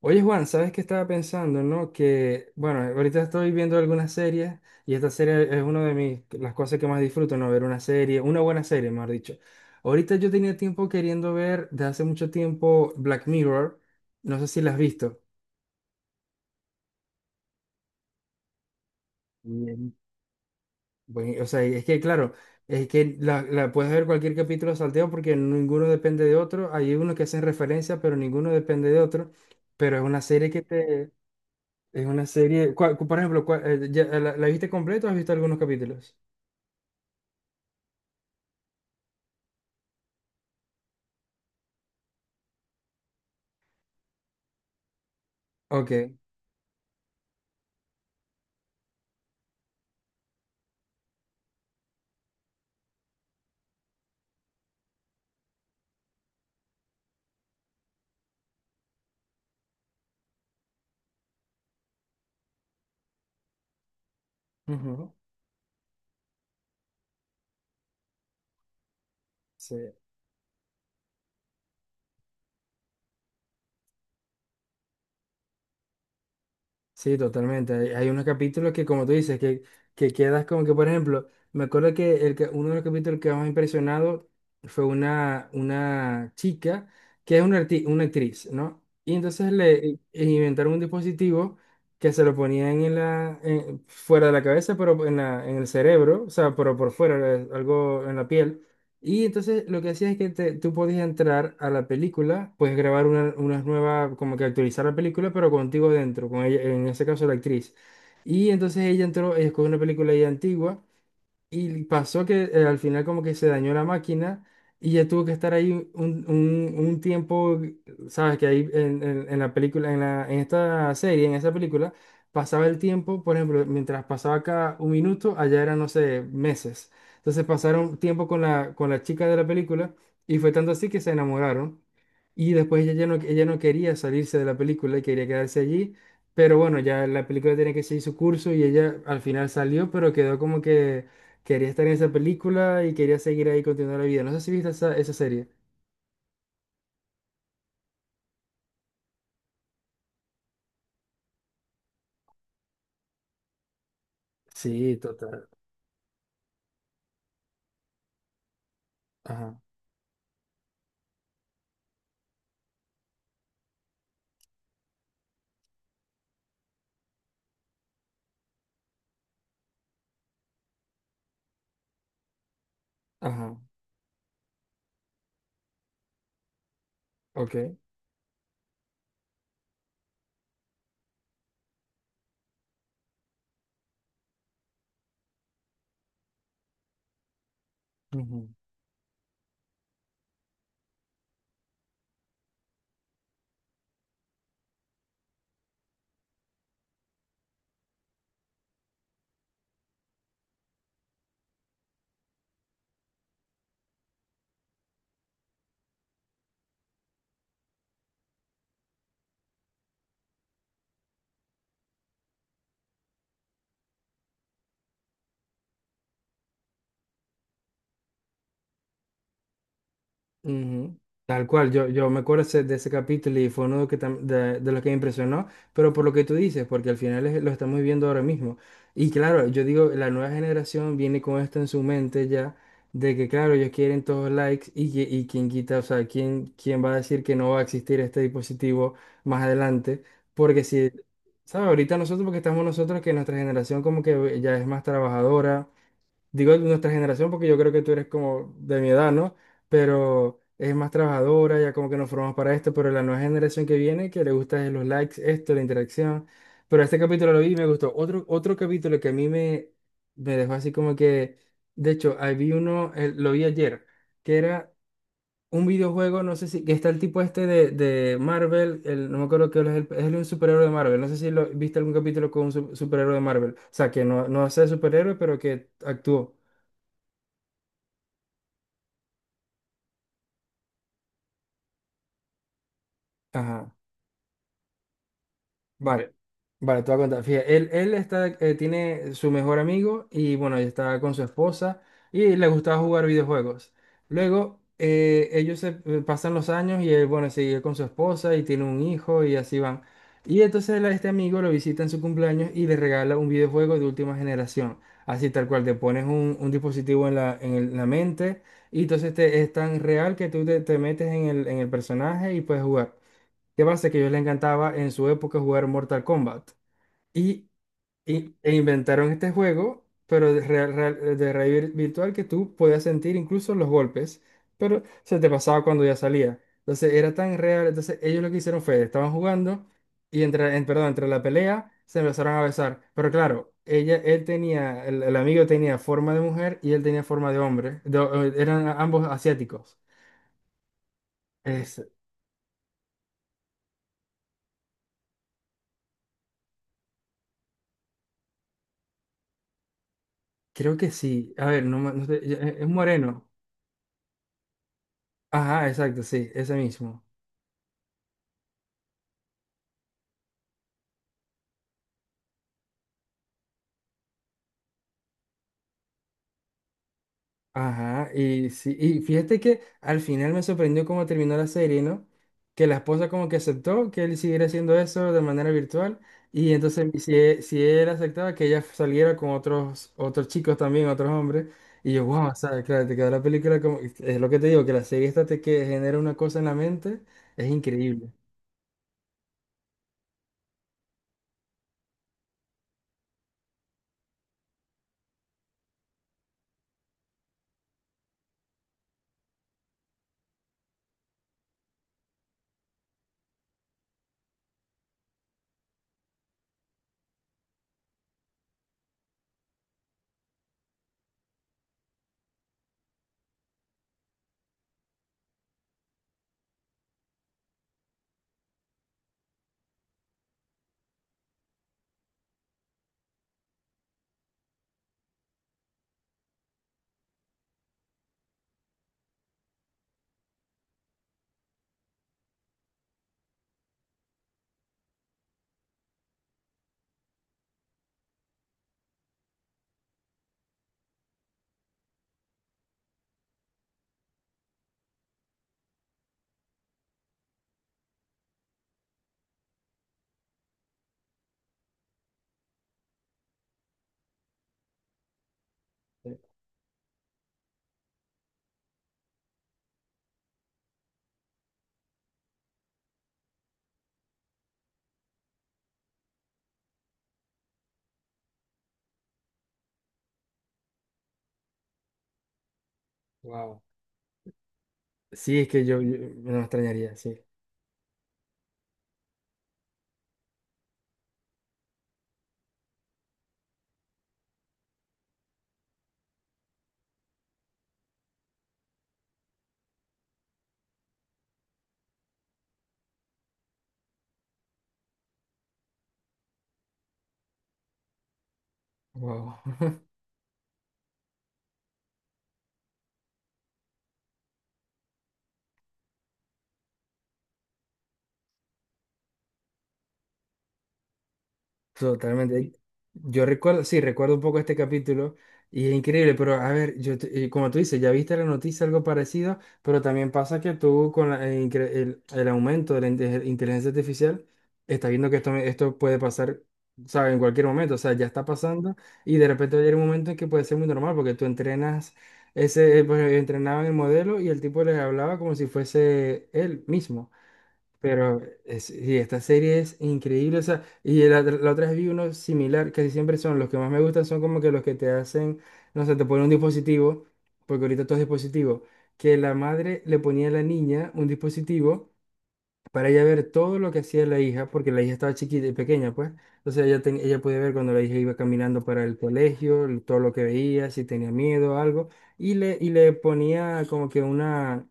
Oye, Juan, ¿sabes qué estaba pensando, no? Que, bueno, ahorita estoy viendo algunas series y esta serie es una de las cosas que más disfruto, ¿no? Ver una serie, una buena serie, mejor dicho. Ahorita yo tenía tiempo queriendo ver, de hace mucho tiempo, Black Mirror. No sé si la has visto. Bien. Bueno, o sea, y es que, claro, es que la puedes ver cualquier capítulo salteado porque ninguno depende de otro. Hay unos que hacen referencia, pero ninguno depende de otro. Pero es una serie que te... Es una serie. ¿Cuál- por ejemplo, cuál- ya- la, la viste completa o has visto algunos capítulos? Ok. Ujú. Sí, sí, totalmente. Hay unos capítulos que, como tú dices, que quedas como que, por ejemplo, me acuerdo que uno de los capítulos que más me impresionado fue una chica que es una una actriz, ¿no? Y entonces le inventaron un dispositivo que se lo ponían en la, fuera de la cabeza, pero en en el cerebro, o sea, pero por fuera, algo en la piel. Y entonces lo que hacía es que tú podías entrar a la película, puedes grabar una nueva, como que actualizar la película, pero contigo dentro, con ella, en ese caso la actriz. Y entonces ella entró, escogió una película ya antigua y pasó que al final como que se dañó la máquina y ya tuvo que estar ahí un tiempo, sabes que ahí en en la película, en en esta serie, en esa película, pasaba el tiempo, por ejemplo, mientras pasaba acá un minuto, allá eran, no sé, meses. Entonces pasaron tiempo con con la chica de la película y fue tanto así que se enamoraron. Y después ella no quería salirse de la película y quería quedarse allí. Pero bueno, ya la película tenía que seguir su curso y ella al final salió, pero quedó como que quería estar en esa película y quería seguir ahí continuando la vida. No sé si viste esa serie. Sí, total. Ajá, ajá, ok. Ujú. Ujú. Tal cual, yo me acuerdo de ese capítulo y fue uno que de los que me impresionó, pero por lo que tú dices, porque al final lo estamos viviendo ahora mismo. Y claro, yo digo, la nueva generación viene con esto en su mente ya, de que claro, ellos quieren todos likes y quién quita, o sea, quién va a decir que no va a existir este dispositivo más adelante, porque si... ¿sabes? Ahorita nosotros, porque estamos nosotros, que nuestra generación como que ya es más trabajadora, digo de nuestra generación porque yo creo que tú eres como de mi edad, ¿no? Pero es más trabajadora, ya como que nos formamos para esto, pero la nueva generación que viene, que le gusta es los likes, esto, la interacción. Pero este capítulo lo vi y me gustó. Otro capítulo que a mí me dejó así como que... De hecho, ahí vi uno, lo vi ayer, que era un videojuego, no sé si, que está el tipo este de Marvel, el, no me acuerdo qué es, el, es un superhéroe de Marvel, no sé si lo, viste algún capítulo con un superhéroe de Marvel, o sea, que no, no es superhéroe, pero que actuó. Ajá, vale, vale, te voy a contar. Fíjate, él está, tiene su mejor amigo y bueno, él está con su esposa y le gustaba jugar videojuegos. Luego, ellos se pasan los años y él, bueno, sigue con su esposa y tiene un hijo y así van. Y entonces este amigo lo visita en su cumpleaños y le regala un videojuego de última generación. Así tal cual, te pones un dispositivo en la mente y entonces es tan real que te metes en en el personaje y puedes jugar. ¿Qué pasa? Que a ellos les encantaba en su época jugar Mortal Kombat. Y e inventaron este juego, pero de realidad virtual, que tú podías sentir incluso los golpes, pero se te pasaba cuando ya salía. Entonces era tan real. Entonces ellos lo que hicieron fue, estaban jugando y perdón, entre la pelea se empezaron a besar. Pero claro, ella, él tenía, el amigo tenía forma de mujer y él tenía forma de hombre. Eran ambos asiáticos. Es- Creo que sí. A ver, no, no sé, es moreno. Ajá, exacto, sí, ese mismo. Ajá, y sí, y fíjate que al final me sorprendió cómo terminó la serie, ¿no? Que la esposa como que aceptó que él siguiera haciendo eso de manera virtual y entonces si, si él aceptaba que ella saliera con otros chicos también, otros hombres, y yo, wow, o sea, claro, te quedó la película como, es lo que te digo, que la serie esta te que genera una cosa en la mente, es increíble. Wow. Sí, es que no me extrañaría, sí. Wow. Totalmente. Yo recuerdo, sí, recuerdo un poco este capítulo y es increíble, pero a ver, como tú dices, ya viste la noticia, algo parecido, pero también pasa que tú con el aumento de la inteligencia artificial, estás viendo que esto puede pasar, ¿sabes? En cualquier momento, o sea, ya está pasando y de repente va a llegar un momento en que puede ser muy normal porque tú entrenas, pues, entrenaban el modelo y el tipo les hablaba como si fuese él mismo. Pero y esta serie es increíble, o sea, y la otra vez vi uno similar, casi siempre son los que más me gustan, son como que los que te hacen, no sé, te ponen un dispositivo, porque ahorita todo es dispositivo, que la madre le ponía a la niña un dispositivo para ella ver todo lo que hacía la hija, porque la hija estaba chiquita y pequeña, pues. Entonces ella podía ver cuando la hija iba caminando para el colegio, todo lo que veía, si tenía miedo o algo, y le ponía como que una,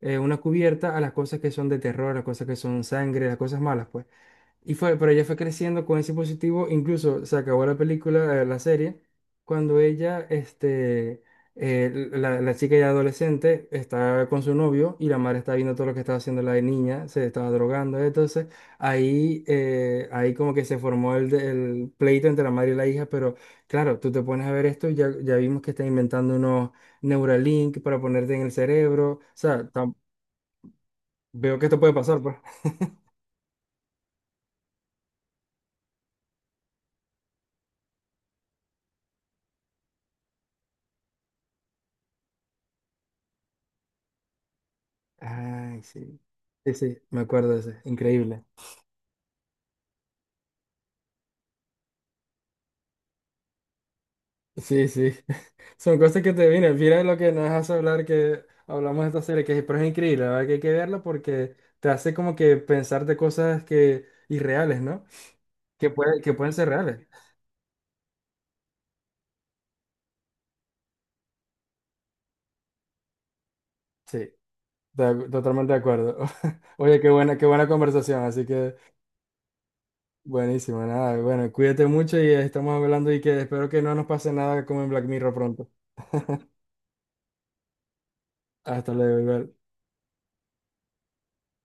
eh, una cubierta a las cosas que son de terror, las cosas que son sangre, las cosas malas, pues. Y fue, pero ella fue creciendo con ese positivo, incluso se acabó la película, la serie, cuando ella, la chica ya adolescente está con su novio y la madre está viendo todo lo que estaba haciendo la niña, se estaba drogando, entonces ahí como que se formó el pleito entre la madre y la hija, pero claro, tú te pones a ver esto y ya, ya vimos que están inventando unos Neuralink para ponerte en el cerebro, o sea, veo que esto puede pasar, pues. Ay, sí. Sí, sí, me acuerdo de ese. Increíble. Sí, sí. Son cosas que te vienen. Mira lo que nos hace hablar que hablamos de esta serie, que es, pero es increíble, la verdad que hay que verla porque te hace como que pensar de cosas que irreales, ¿no? Que puede, que pueden ser reales. Sí, totalmente de acuerdo. Oye, qué buena conversación, así que buenísimo, nada. Bueno, cuídate mucho y estamos hablando y que espero que no nos pase nada como en Black Mirror pronto. Hasta luego, igual.